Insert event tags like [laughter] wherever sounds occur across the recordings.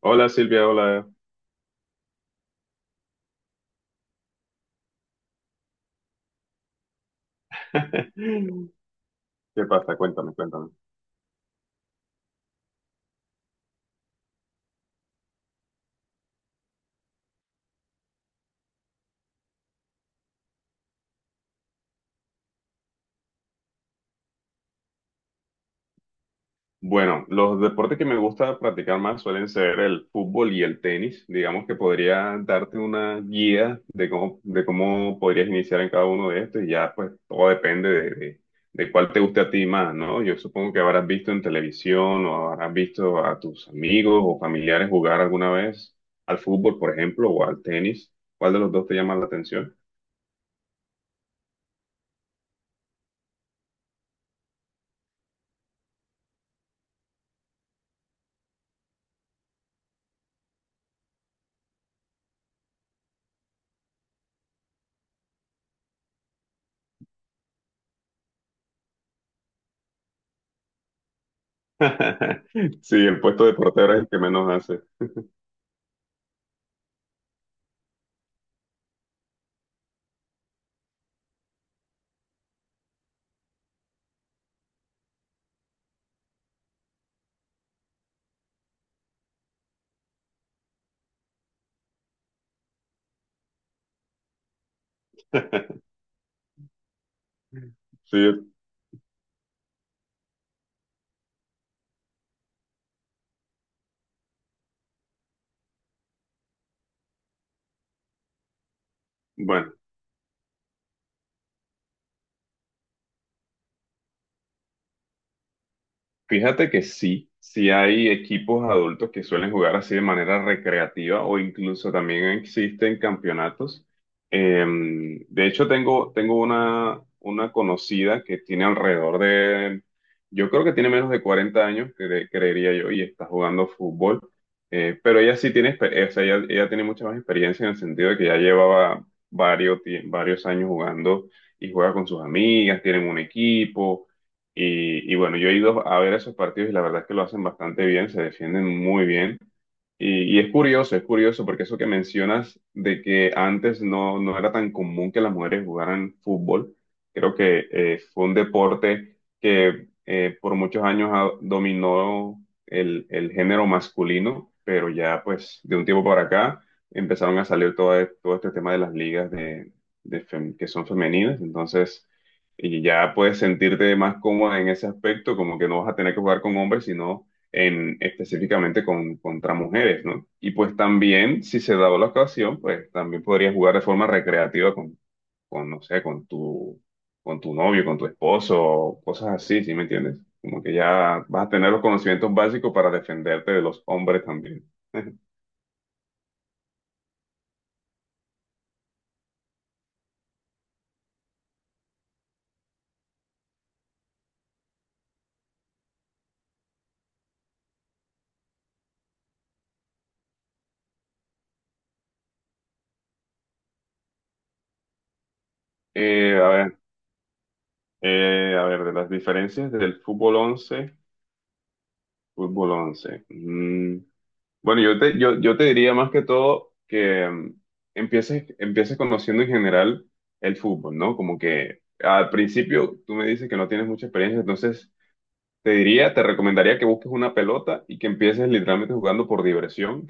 Hola Silvia, hola. [laughs] ¿Qué pasa? Cuéntame, cuéntame. Bueno, los deportes que me gusta practicar más suelen ser el fútbol y el tenis. Digamos que podría darte una guía de cómo podrías iniciar en cada uno de estos y ya pues todo depende de cuál te guste a ti más, ¿no? Yo supongo que habrás visto en televisión o habrás visto a tus amigos o familiares jugar alguna vez al fútbol, por ejemplo, o al tenis. ¿Cuál de los dos te llama la atención? [laughs] Sí, el puesto de portero es el que menos hace. Sí, bueno, fíjate que sí, sí hay equipos adultos que suelen jugar así de manera recreativa o incluso también existen campeonatos. Eh, de hecho, tengo una conocida que tiene alrededor de, yo creo que tiene menos de 40 años, creería yo, y está jugando fútbol. Pero ella sí o sea, ella tiene mucha más experiencia en el sentido de que ya llevaba varios años jugando y juega con sus amigas, tienen un equipo. Y bueno, yo he ido a ver esos partidos y la verdad es que lo hacen bastante bien, se defienden muy bien. Y es curioso porque eso que mencionas de que antes no era tan común que las mujeres jugaran fútbol, creo que fue un deporte que por muchos años dominó el género masculino, pero ya pues de un tiempo para acá empezaron a salir todo este tema de las ligas que son femeninas. Entonces y ya puedes sentirte más cómoda en ese aspecto, como que no vas a tener que jugar con hombres, sino en, específicamente con, contra mujeres, ¿no? Y pues también, si se da la ocasión, pues también podrías jugar de forma recreativa no sé, con tu novio, con tu esposo, cosas así, ¿sí me entiendes? Como que ya vas a tener los conocimientos básicos para defenderte de los hombres también. [laughs] A ver, a ver, de las diferencias del fútbol 11. Bueno, yo te diría más que todo que empieces conociendo en general el fútbol, ¿no? Como que al principio tú me dices que no tienes mucha experiencia. Entonces te recomendaría que busques una pelota y que empieces literalmente jugando por diversión,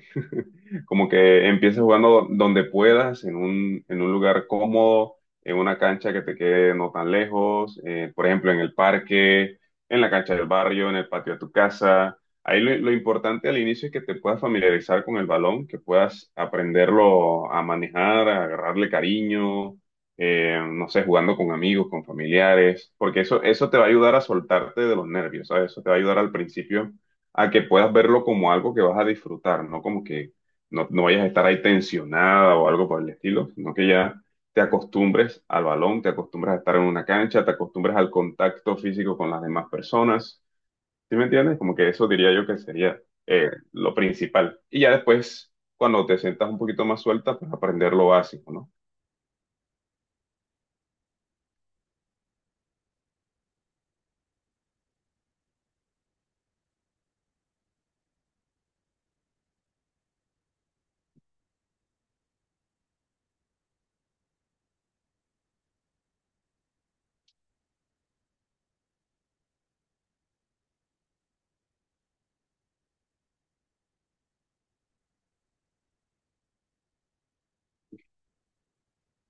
como que empieces jugando donde puedas, en un lugar cómodo, en una cancha que te quede no tan lejos, por ejemplo, en el parque, en la cancha del barrio, en el patio de tu casa. Ahí lo importante al inicio es que te puedas familiarizar con el balón, que puedas aprenderlo a manejar, a agarrarle cariño, no sé, jugando con amigos, con familiares, porque eso te va a ayudar a soltarte de los nervios, ¿sabes? Eso te va a ayudar al principio a que puedas verlo como algo que vas a disfrutar, no como que, no vayas a estar ahí tensionada o algo por el estilo, sino que ya te acostumbres al balón, te acostumbres a estar en una cancha, te acostumbres al contacto físico con las demás personas. ¿Sí me entiendes? Como que eso diría yo que sería lo principal. Y ya después, cuando te sientas un poquito más suelta, pues aprender lo básico, ¿no?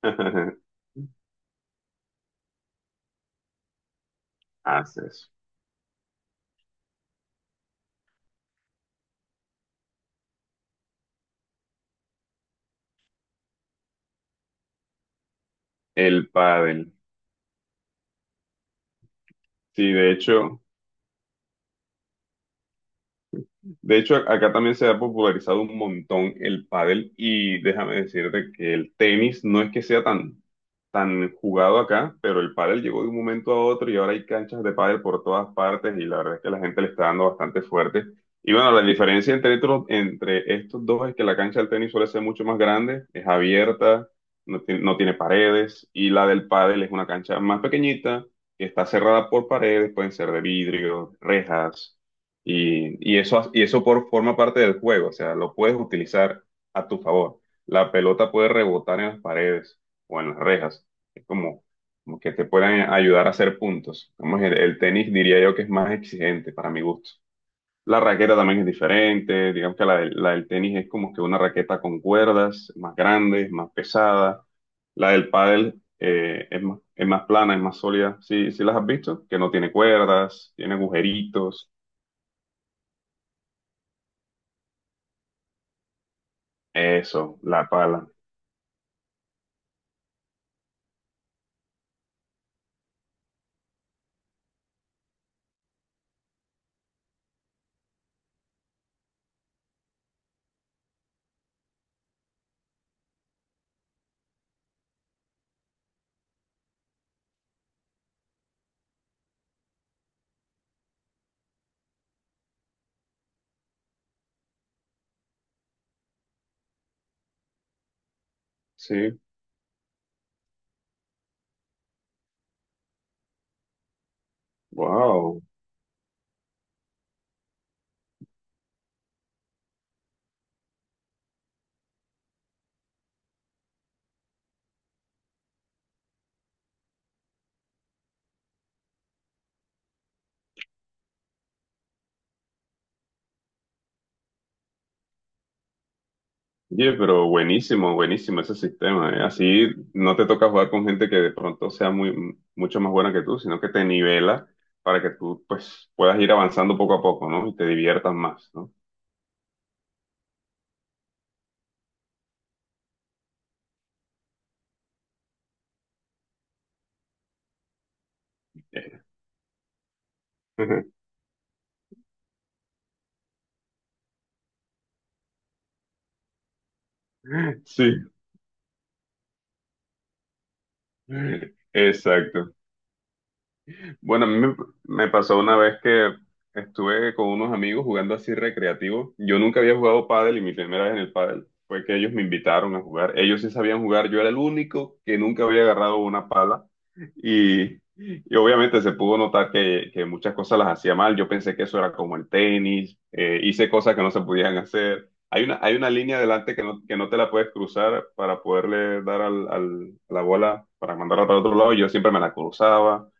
[laughs] Haces el pádel. Sí, de hecho. De hecho, acá también se ha popularizado un montón el pádel y déjame decirte que el tenis no es que sea tan jugado acá, pero el pádel llegó de un momento a otro y ahora hay canchas de pádel por todas partes y la verdad es que la gente le está dando bastante fuerte. Y bueno, la diferencia entre estos dos es que la cancha del tenis suele ser mucho más grande, es abierta, no tiene paredes y la del pádel es una cancha más pequeñita que está cerrada por paredes, pueden ser de vidrio, rejas. Y eso forma parte del juego, o sea, lo puedes utilizar a tu favor. La pelota puede rebotar en las paredes o en las rejas. Es como que te pueden ayudar a hacer puntos. Como es el tenis diría yo que es más exigente para mi gusto. La raqueta también es diferente. Digamos que la del tenis es como que una raqueta con cuerdas, más grande, más pesada. La del pádel es más plana, es más sólida. Sí, sí las has visto, que no tiene cuerdas, tiene agujeritos. Eso, la pala. Sí, wow. Oye, pero buenísimo, buenísimo ese sistema, ¿eh? Así no te toca jugar con gente que de pronto sea muy, mucho más buena que tú, sino que te nivela para que tú pues puedas ir avanzando poco a poco, ¿no? Y te diviertas más, ¿no? [laughs] Sí, exacto. Bueno, a mí me pasó una vez que estuve con unos amigos jugando así recreativo. Yo nunca había jugado pádel y mi primera vez en el pádel fue que ellos me invitaron a jugar. Ellos sí sabían jugar, yo era el único que nunca había agarrado una pala y obviamente se pudo notar que muchas cosas las hacía mal. Yo pensé que eso era como el tenis, hice cosas que no se podían hacer. Hay una línea delante que no te la puedes cruzar para poderle dar a la bola para mandarla para otro lado. Y yo siempre me la cruzaba.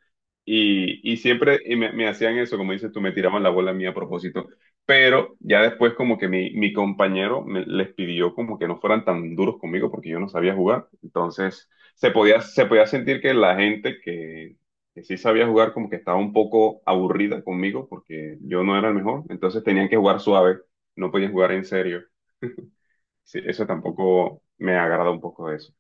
Y siempre y me hacían eso, como dices tú, me tiraban la bola a mí a propósito. Pero ya después como que mi compañero les pidió como que no fueran tan duros conmigo porque yo no sabía jugar. Entonces se podía sentir que la gente que sí sabía jugar como que estaba un poco aburrida conmigo porque yo no era el mejor. Entonces tenían que jugar suave, no podían jugar en serio. [laughs] Sí, eso tampoco me agrada un poco de eso,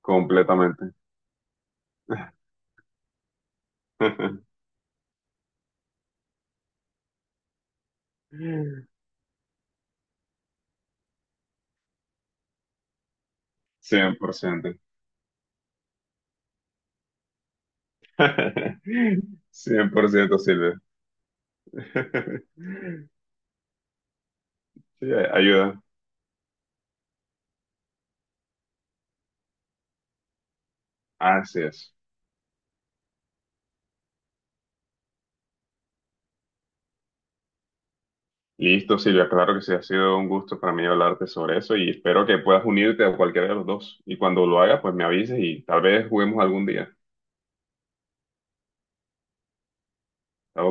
completamente. [laughs] 100%. [laughs] 100%, Silvia. [laughs] Sí, ayuda. Así es. Listo, Silvia. Claro que sí, ha sido un gusto para mí hablarte sobre eso y espero que puedas unirte a cualquiera de los dos. Y cuando lo hagas, pues me avises y tal vez juguemos algún día. Estamos